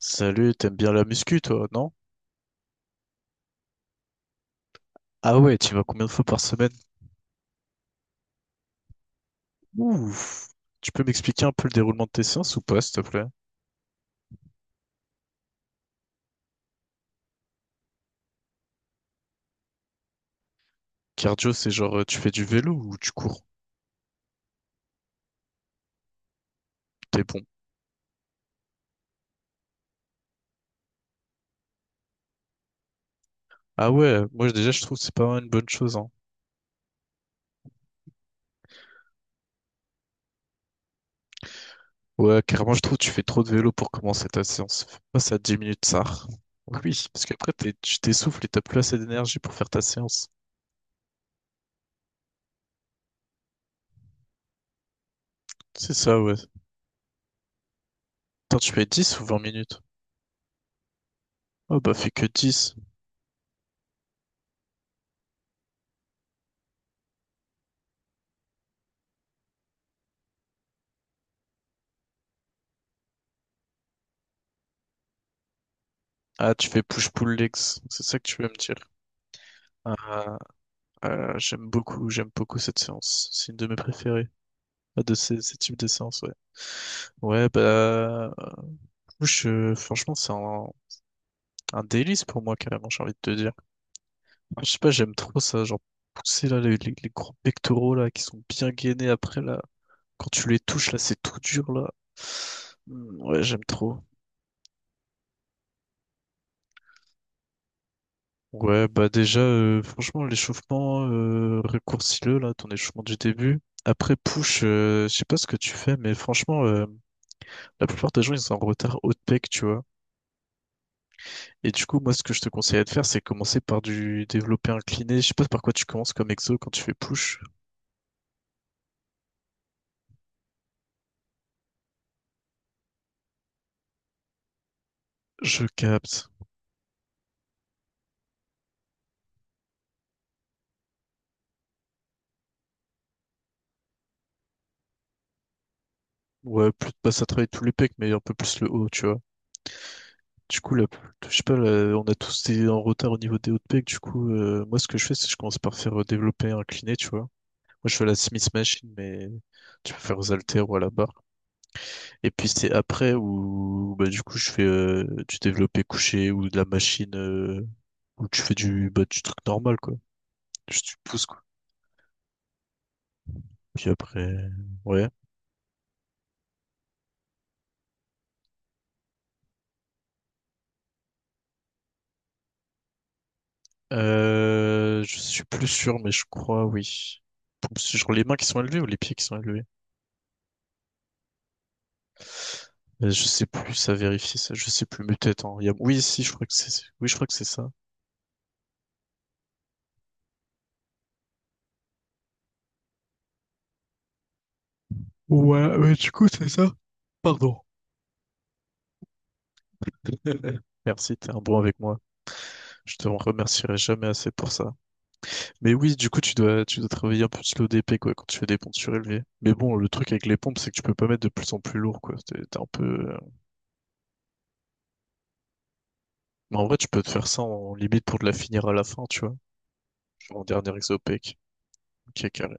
Salut, t'aimes bien la muscu, toi, non? Ah ouais, tu y vas combien de fois par semaine? Ouf. Tu peux m'expliquer un peu le déroulement de tes séances ou pas, s'il te plaît? Cardio, c'est genre tu fais du vélo ou tu cours? T'es bon. Ah ouais, moi déjà je trouve que c'est pas vraiment une bonne chose, hein. Ouais, carrément, je trouve que tu fais trop de vélo pour commencer ta séance. Passe à 10 minutes, ça. Oui, parce qu'après tu t'essouffles et t'as plus assez d'énergie pour faire ta séance. C'est ça, ouais. Attends, tu fais 10 ou 20 minutes? Oh bah fais que 10. Ah, tu fais push-pull legs, c'est ça que tu veux me dire. Ah, j'aime beaucoup cette séance. C'est une de mes préférées, de ces types de séances, ouais. Ouais, bah, euh, je, franchement, un délice pour moi, carrément, j'ai envie de te dire. Je sais pas, j'aime trop ça, genre, pousser, là, les gros pectoraux, là, qui sont bien gainés après, là. Quand tu les touches, là, c'est tout dur, là. Hmm. Ouais, j'aime trop. Franchement, l'échauffement, raccourcis-le, là, ton échauffement du début. Après, push, je sais pas ce que tu fais, mais franchement. La plupart des gens, ils sont en retard haut de pec, tu vois. Et du coup, moi, ce que je te conseillerais de faire, c'est commencer par du développé incliné. Je sais pas par quoi tu commences comme exo quand tu fais push. Je capte. Ouais, plus de passe à travailler tous les pecs, mais un peu plus le haut, tu vois. Du coup, là, je sais pas, là, on a tous été en retard au niveau des hauts de pec. Du coup, moi, ce que je fais, c'est que je commence par faire développé incliné, tu vois. Moi, je fais la Smith Machine, mais tu peux faire aux haltères ou à la barre. Et puis, c'est après où, bah, du coup, je fais du développé couché ou de la machine. Ou tu fais du, bah, du truc normal, quoi. Juste tu pousses, quoi. Puis après, ouais. Je suis plus sûr, mais je crois, oui. C'est genre les mains qui sont élevées ou les pieds qui sont élevés? Je sais plus, ça vérifie ça, je sais plus, mais peut-être, hein. Oui, si, je crois que c'est, oui, je crois que c'est ça. Ouais, mais du coup, c'est ça. Pardon. Merci, t'es un bon avec moi. Je te remercierai jamais assez pour ça. Mais oui, du coup, tu dois travailler un peu plus le DP, quoi, quand tu fais des pompes surélevées. Mais bon, le truc avec les pompes, c'est que tu peux pas mettre de plus en plus lourd, quoi. T'es un peu... Mais en vrai, tu peux te faire ça en limite pour de la finir à la fin, tu vois. Genre en dernier exo pec. Ok, calme.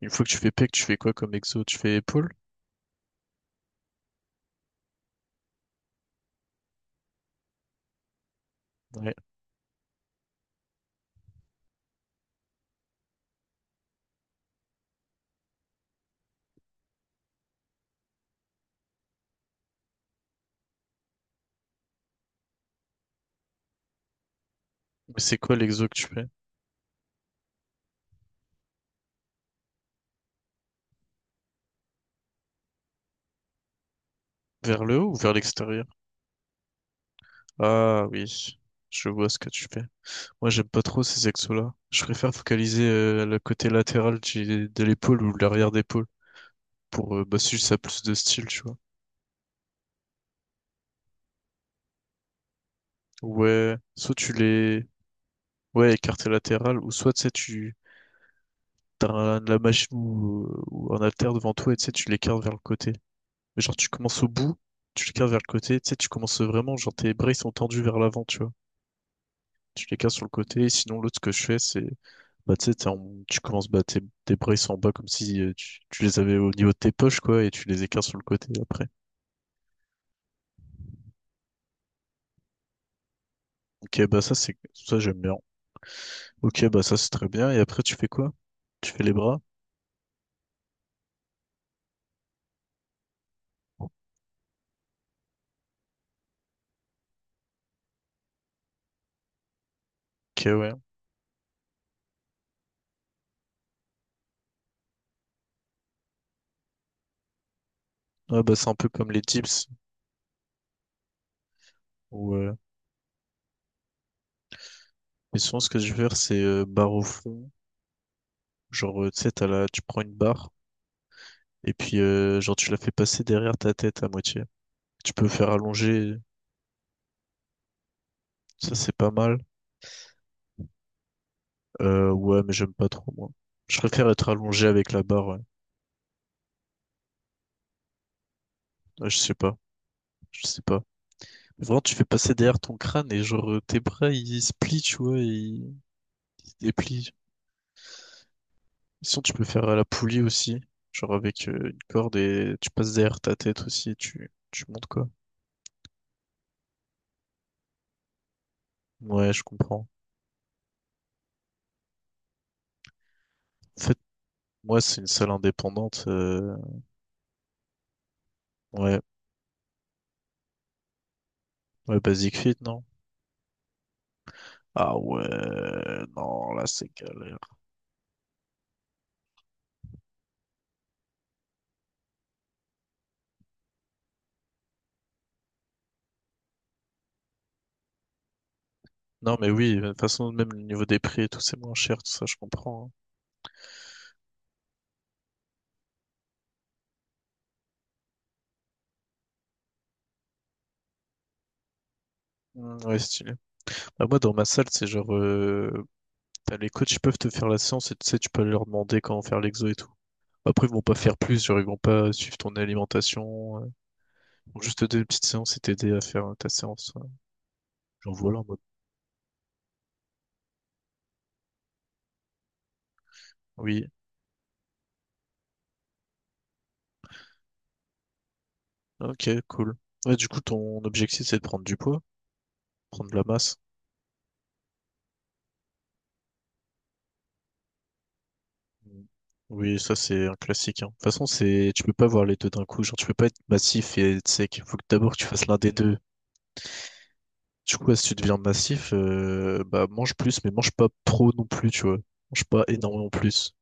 Une fois que tu fais pec, tu fais quoi comme exo? Tu fais épaule? Ouais. Mais c'est quoi l'exo que tu fais? Vers le haut ou vers l'extérieur? Ah oui, je vois ce que tu fais. Moi, j'aime pas trop ces exos-là. Je préfère focaliser le côté latéral de l'épaule ou l'arrière d'épaule pour bah, si ça a plus de style, tu vois. Ouais, soit tu les... Ouais, écarté latéral, ou soit, tu sais, tu... La machine ou un haltère devant toi et tu sais, tu l'écartes vers le côté. Mais genre, tu commences au bout, tu l'écartes vers le côté, tu sais, tu commences vraiment, genre, tes bras, ils sont tendus vers l'avant, tu vois. Tu l'écartes sur le côté, et sinon, l'autre, ce que je fais, c'est... Bah, tu sais, tu commences, bah, tes bras, ils sont en bas comme si tu les avais au niveau de tes poches, quoi, et tu les écartes sur le côté après. Ok, bah, ça, c'est... Ça, j'aime bien. Ok, bah, ça, c'est très bien. Et après, tu fais quoi? Tu fais les bras? Ok, ouais. Ah, bah, c'est un peu comme les dips. Ouais. Mais souvent, ce que je vais faire, c'est barre au fond. Genre, tu sais, t'as la... tu prends une barre et puis, genre, tu la fais passer derrière ta tête à moitié. Tu peux faire allonger, ça, c'est pas mal. Ouais, mais j'aime pas trop, moi. Je préfère être allongé avec la barre, ouais. Ouais, je sais pas. Je sais pas. Vraiment, tu fais passer derrière ton crâne et, genre, tes bras, ils se plient, tu vois, ils se déplient. Sinon, tu peux faire à la poulie aussi. Genre, avec une corde et tu passes derrière ta tête aussi tu montes, quoi. Ouais, je comprends. En fait, moi, c'est une salle indépendante. Ouais, ouais, Basic Fit, non? Ah ouais, non, là, c'est galère. Non, mais oui, de toute façon, même le niveau des prix et tout, c'est moins cher, tout ça, je comprends, hein. Mm. Ouais, stylé. Bah, moi, dans ma salle, c'est genre, t'as les coachs, ils peuvent te faire la séance et tu sais, tu peux aller leur demander comment faire l'exo et tout. Après, ils vont pas faire plus, genre, ils vont pas suivre ton alimentation. Euh. Ils vont juste te donner une petite séance et t'aider à faire ta séance, ouais. Genre, voilà, en mode. Oui, ok, cool. Ouais, du coup, ton objectif, c'est de prendre du poids, prendre de la masse. Mm. Oui, ça c'est un classique, hein. De toute façon, c'est tu peux pas voir les deux d'un coup. Genre, tu peux pas être massif et être sec. Il faut que d'abord tu fasses l'un des deux. Du coup, si tu deviens massif, bah mange plus, mais mange pas trop non plus, tu vois. Mange pas énormément plus.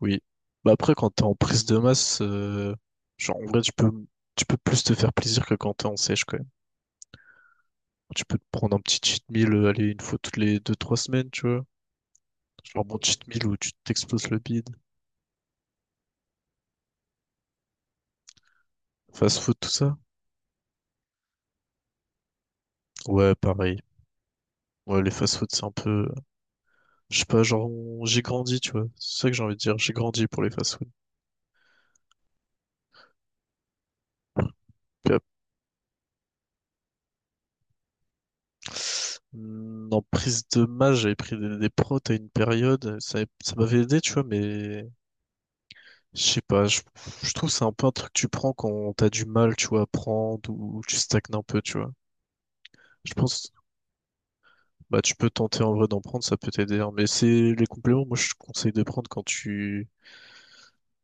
Oui. Bah après, quand t'es en prise de masse, genre en vrai, tu peux plus te faire plaisir que quand t'es en sèche quand même. Tu peux te prendre un petit cheat meal, aller une fois toutes les deux trois semaines, tu vois. Genre bon cheat meal où tu t'exploses le bide. Fast food, tout ça. Ouais, pareil. Ouais, les fast food, c'est un peu. Je sais pas, genre, j'ai grandi, tu vois. C'est ça que j'ai envie de dire. J'ai grandi pour les fast-food. Puis en prise de masse, j'avais pris des protes à une période. Ça m'avait aidé, tu vois, mais je sais pas. Je trouve que c'est un peu un truc que tu prends quand t'as du mal, tu vois, à prendre ou tu stagnes un peu, tu vois. Je pense, bah, tu peux tenter en vrai d'en prendre, ça peut t'aider, hein. Mais c'est les compléments, moi, je conseille de prendre quand tu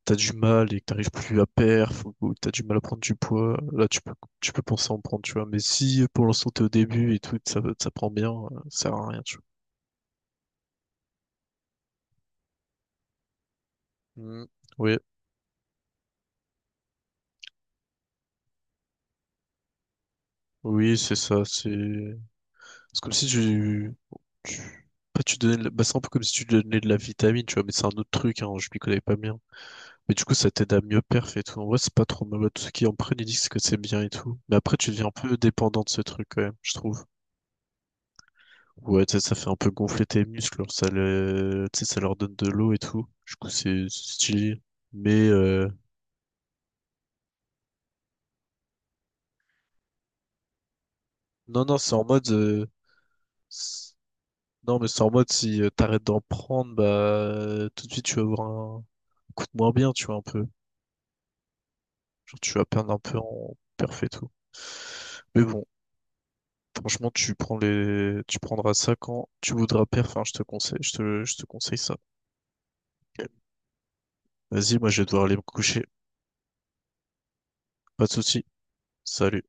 t'as du mal et que t'arrives plus à perf ou que t'as du mal à prendre du poids, là tu peux penser à en prendre, tu vois. Mais si pour l'instant t'es au début et tout, ça prend bien, ça sert à rien, tu vois. Mm. Oui, oui, c'est ça, c'est comme si tu tu pas tu donnais de la- bah, c'est un peu comme si tu donnais de la vitamine, tu vois, mais c'est un autre truc, hein, je m'y connais pas bien. Mais du coup, ça t'aide à mieux perf et tout. En vrai, c'est pas trop mal. Tous ceux qui en prennent, ils disent que c'est bien et tout. Mais après, tu deviens un peu dépendant de ce truc, quand même, je trouve. Ouais, tu sais, ça fait un peu gonfler tes muscles, alors ça, le... tu sais, ça leur donne de l'eau et tout. Du coup, c'est stylé. Mais euh, non, c'est en mode. c'est- Non, mais c'est en mode si t'arrêtes d'en prendre, bah tout de suite tu vas avoir un coup de moins bien, tu vois, un peu. Genre, tu vas perdre un peu en perf et tout. Mais bon, franchement, tu prends les... tu prendras ça quand tu voudras perf, enfin, je te conseille, je te conseille ça. Vas-y, moi je vais devoir aller me coucher. Pas de soucis. Salut.